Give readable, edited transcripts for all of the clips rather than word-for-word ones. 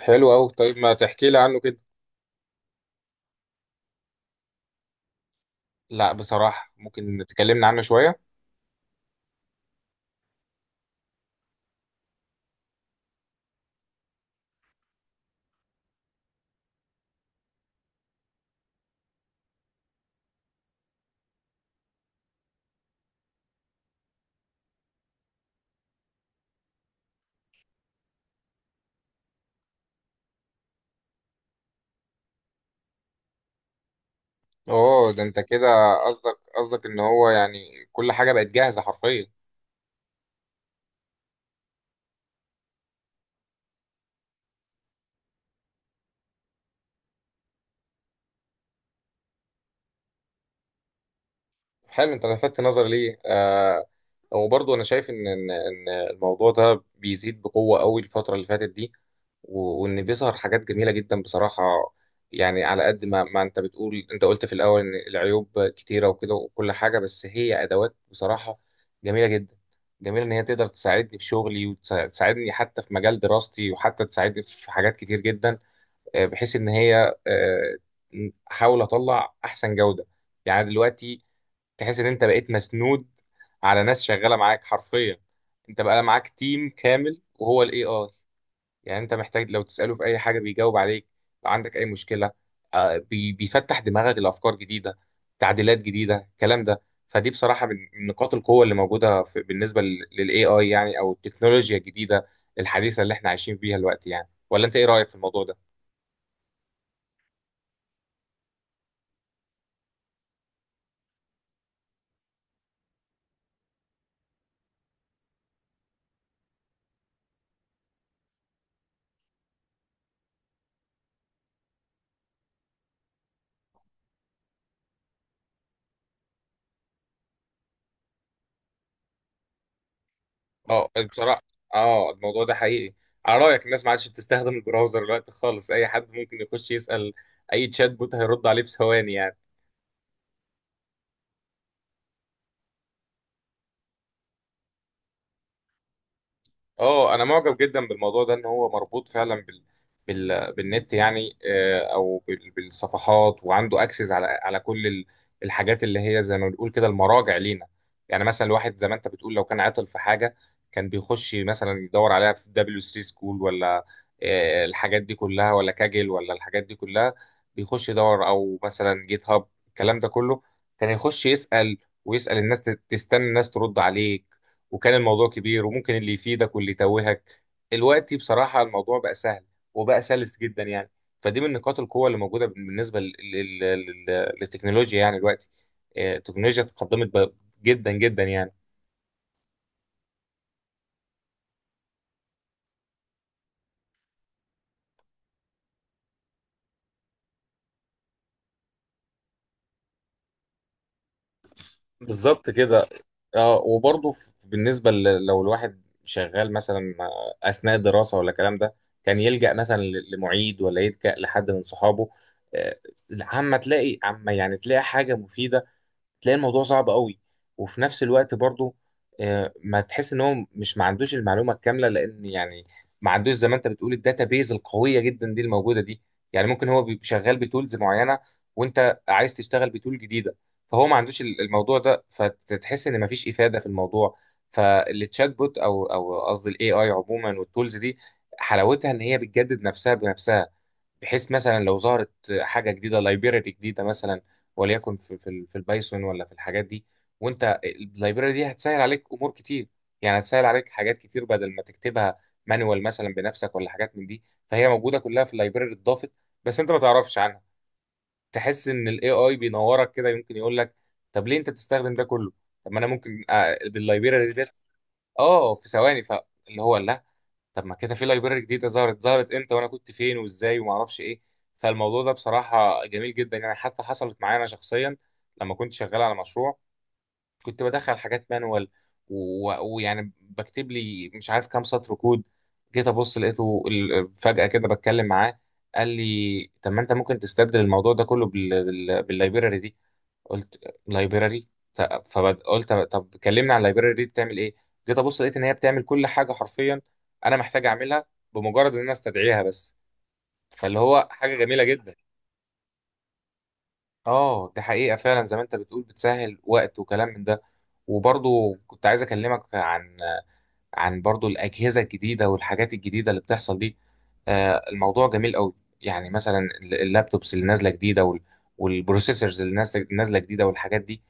حلو أوي. طيب ما تحكي لي عنه كده. لا بصراحة، ممكن تكلمنا عنه شوية. اوه ده انت كده، قصدك ان هو يعني كل حاجة بقت جاهزة حرفيا. حلو، انت لفتت نظري ليه. وبرضه انا شايف ان ان إن الموضوع ده بيزيد بقوة قوي الفترة اللي فاتت دي، وان بيظهر حاجات جميله جدا بصراحه. يعني على قد ما انت بتقول، انت قلت في الاول ان العيوب كتيره وكده وكل حاجه، بس هي ادوات بصراحه جميله جدا. جميله ان هي تقدر تساعدني في شغلي، وتساعدني حتى في مجال دراستي، وحتى تساعدني في حاجات كتير جدا. بحيث ان هي احاول اطلع احسن جوده يعني. دلوقتي تحس ان انت بقيت مسنود على ناس شغاله معاك حرفيا. انت بقى معاك تيم كامل وهو الاي اي. يعني انت محتاج لو تسأله في اي حاجة بيجاوب عليك. لو عندك اي مشكلة، بيفتح دماغك لأفكار جديدة، تعديلات جديدة، الكلام ده. فدي بصراحة من نقاط القوة اللي موجودة في بالنسبة لل AI، يعني او التكنولوجيا الجديدة الحديثة اللي احنا عايشين فيها دلوقتي يعني. ولا انت ايه رأيك في الموضوع ده؟ اه بصراحة، اه الموضوع ده حقيقي. على رأيك، الناس ما عادش بتستخدم البراوزر دلوقتي خالص. اي حد ممكن يخش يسأل اي تشات بوت هيرد عليه في ثواني يعني. اه انا معجب جدا بالموضوع ده، ان هو مربوط فعلا بالنت يعني، او بالصفحات، وعنده اكسس على كل الحاجات اللي هي زي ما بنقول كده المراجع لينا. يعني مثلا الواحد زي ما انت بتقول، لو كان عاطل في حاجه، كان بيخش مثلا يدور عليها في دبليو 3 سكول، ولا الحاجات دي كلها، ولا كاجل، ولا الحاجات دي كلها. بيخش يدور، او مثلا جيت هاب، الكلام ده كله. كان يخش يسأل ويسأل الناس، تستنى الناس ترد عليه، وكان الموضوع كبير، وممكن اللي يفيدك واللي يتوهك. دلوقتي بصراحة الموضوع بقى سهل، وبقى سلس جدا يعني. فدي من نقاط القوة اللي موجودة بالنسبة للتكنولوجيا يعني دلوقتي. التكنولوجيا تقدمت جدا جدا يعني. بالظبط كده. اه وبرضه بالنسبة لو الواحد شغال مثلا، أثناء الدراسة ولا الكلام ده، كان يلجأ مثلا لمعيد، ولا يلجأ لحد من صحابه. آه، عما تلاقي، عما يعني تلاقي حاجة مفيدة، تلاقي الموضوع صعب قوي. وفي نفس الوقت برضو ما تحس ان هو مش، ما عندوش المعلومه الكامله، لان يعني ما عندوش زي ما انت بتقول الداتابيز القويه جدا دي الموجوده دي. يعني ممكن هو بيبقى شغال بتولز معينه، وانت عايز تشتغل بتول جديده، فهو ما عندوش الموضوع ده، فتحس ان ما فيش افاده في الموضوع. فالتشات بوت او او قصدي الاي اي عموما والتولز دي، حلاوتها ان هي بتجدد نفسها بنفسها. بحيث مثلا لو ظهرت حاجه جديده، لايبراري جديده مثلا، وليكن في في البايثون ولا في الحاجات دي، وانت اللايبراري دي هتسهل عليك امور كتير. يعني هتسهل عليك حاجات كتير بدل ما تكتبها مانوال مثلا بنفسك، ولا حاجات من دي. فهي موجوده كلها في اللايبراري، اتضافت بس انت ما تعرفش عنها. تحس ان الاي اي بينورك كده، يمكن يقول لك طب ليه انت بتستخدم ده كله؟ طب ما انا ممكن باللايبراري دي بس. اه في ثواني. فاللي هو لا، طب ما كده في لايبراري جديده ظهرت امتى؟ وانا كنت فين وازاي وما اعرفش ايه؟ فالموضوع ده بصراحه جميل جدا يعني. حتى حصلت معايا انا شخصيا، لما كنت شغال على مشروع، كنت بدخل حاجات مانوال، ويعني بكتب لي مش عارف كام سطر كود. جيت ابص لقيته فجاه كده بتكلم معاه، قال لي طب ما انت ممكن تستبدل الموضوع ده كله باللايبراري دي. قلت لايبراري؟ فقلت طب كلمني عن اللايبراري دي بتعمل ايه. جيت ابص لقيت ان هي بتعمل كل حاجه حرفيا انا محتاج اعملها، بمجرد ان انا استدعيها بس. فاللي هو حاجه جميله جدا. اه دي حقيقه فعلا، زي ما انت بتقول بتسهل وقت وكلام من ده. وبرضو كنت عايز اكلمك عن برضو الاجهزه الجديده والحاجات الجديده اللي بتحصل دي. الموضوع جميل قوي. يعني مثلا اللابتوبس اللي نازله جديده، والبروسيسورز اللي نازلة جديده والحاجات دي.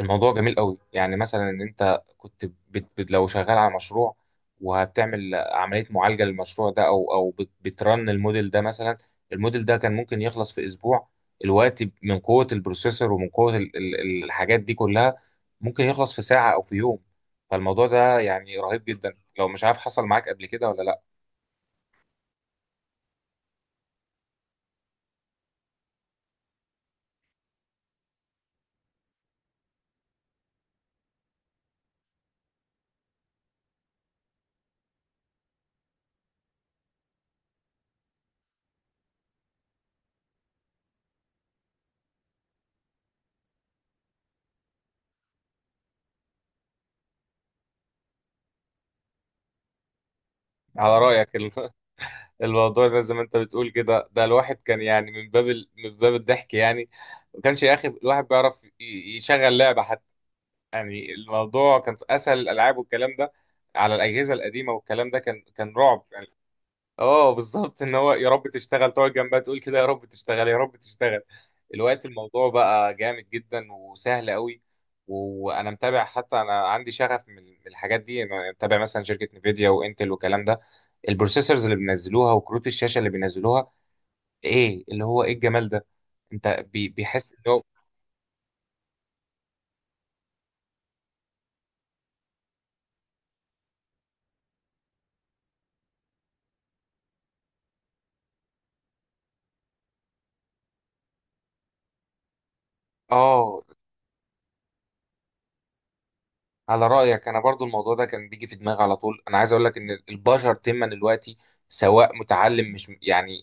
الموضوع جميل قوي يعني. مثلا ان انت كنت لو شغال على مشروع وهتعمل عملية معالجة للمشروع ده، او او بترن الموديل ده مثلا، الموديل ده كان ممكن يخلص في اسبوع الوقت. من قوة البروسيسور ومن قوة الحاجات دي كلها، ممكن يخلص في ساعة او في يوم. فالموضوع ده يعني رهيب جدا، لو مش عارف حصل معاك قبل كده ولا لا. على رأيك الموضوع ده زي ما انت بتقول كده، ده الواحد كان يعني من باب الضحك يعني. ما كانش يا اخي الواحد بيعرف يشغل لعبة يعني. الموضوع كان في اسهل الالعاب والكلام ده على الاجهزه القديمه، والكلام ده كان رعب يعني. اه بالظبط، ان هو يا رب تشتغل. تقعد جنبها تقول كده، يا رب تشتغل، يا رب تشتغل. الوقت الموضوع بقى جامد جدا وسهل قوي. وانا متابع حتى، انا عندي شغف من الحاجات دي. انا متابع مثلا شركه نفيديا وانتل والكلام ده، البروسيسورز اللي بينزلوها وكروت الشاشه اللي بينزلوها، ايه اللي هو ايه الجمال ده. انت بيحس ان هو اه. على رأيك أنا برضو الموضوع ده كان بيجي في دماغي على طول. أنا عايز أقول لك إن البشر تما دلوقتي، سواء متعلم مش يعني،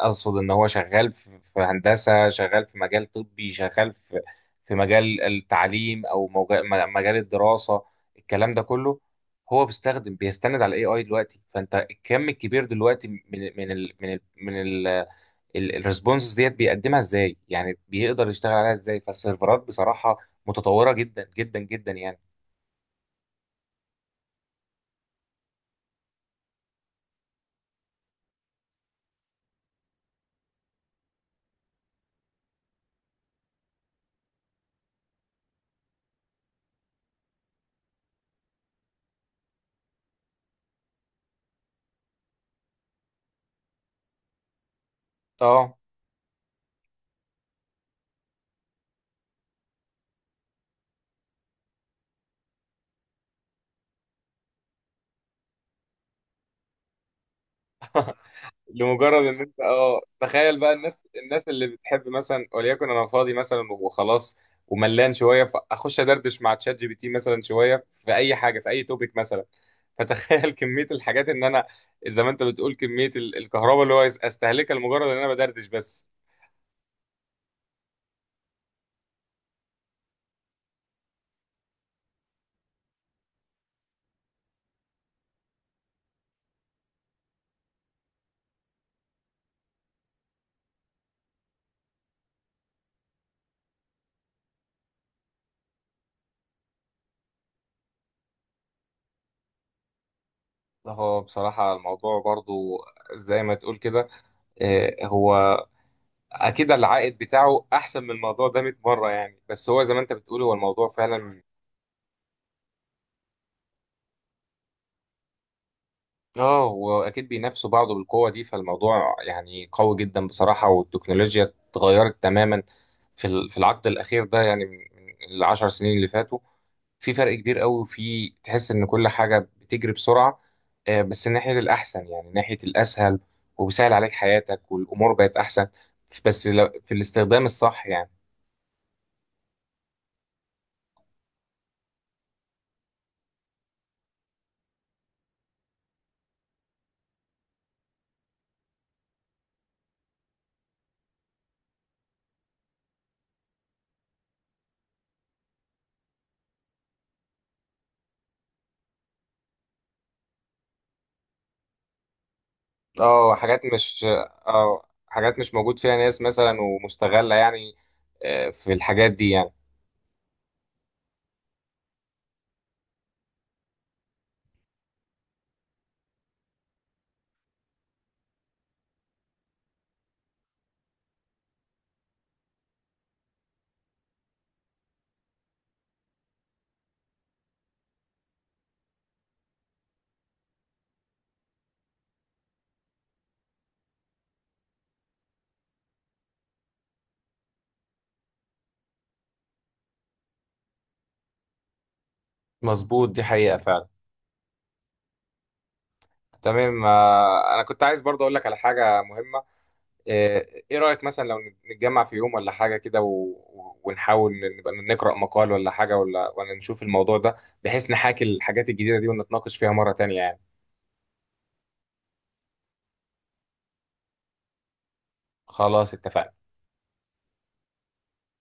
أقصد إن هو شغال في هندسة، شغال في مجال طبي، شغال في مجال التعليم، أو مجال الدراسة، الكلام ده كله، هو بيستخدم بيستند على الاي اي دلوقتي. فانت الكم الكبير دلوقتي من ال من ال من الريسبونسز، ديت بيقدمها ازاي يعني؟ بيقدر يشتغل عليها ازاي؟ فالسيرفرات بصراحة متطورة جدا جدا جدا يعني. اه لمجرد ان انت، اه تخيل بقى الناس اللي بتحب، مثلا وليكن انا فاضي مثلا وخلاص، وملان شويه، فاخش ادردش مع تشات جي بي تي مثلا شويه في اي حاجه، في اي توبيك مثلا. فتخيل كميه الحاجات، ان انا زي ما انت بتقول، كميه الكهرباء اللي هو استهلكها لمجرد ان انا بدردش بس. هو بصراحة الموضوع برضو، زي ما تقول كده، هو أكيد العائد بتاعه أحسن من الموضوع ده 100 مرة يعني، بس هو زي ما أنت بتقول، هو الموضوع فعلا. اه واكيد بينافسوا بعض بالقوه دي، فالموضوع يعني قوي جدا بصراحه. والتكنولوجيا اتغيرت تماما في في العقد الاخير ده يعني، من 10 سنين اللي فاتوا في فرق كبير قوي. في تحس ان كل حاجه بتجري بسرعه، بس ناحيه الاحسن يعني، ناحيه الاسهل، وبيسهل عليك حياتك والامور بقت احسن. بس في الاستخدام الصح يعني. اه حاجات مش اه حاجات مش موجود فيها ناس مثلا ومستغله يعني في الحاجات دي يعني. مظبوط، دي حقيقه فعلا. تمام، انا كنت عايز برضه اقول لك على حاجه مهمه. آه، ايه رايك مثلا لو نتجمع في يوم ولا حاجه كده، ونحاول نبقى نقرا مقال ولا حاجه، ولا نشوف الموضوع ده، بحيث نحاكي الحاجات الجديده دي ونتناقش فيها مره تانية يعني. خلاص اتفقنا.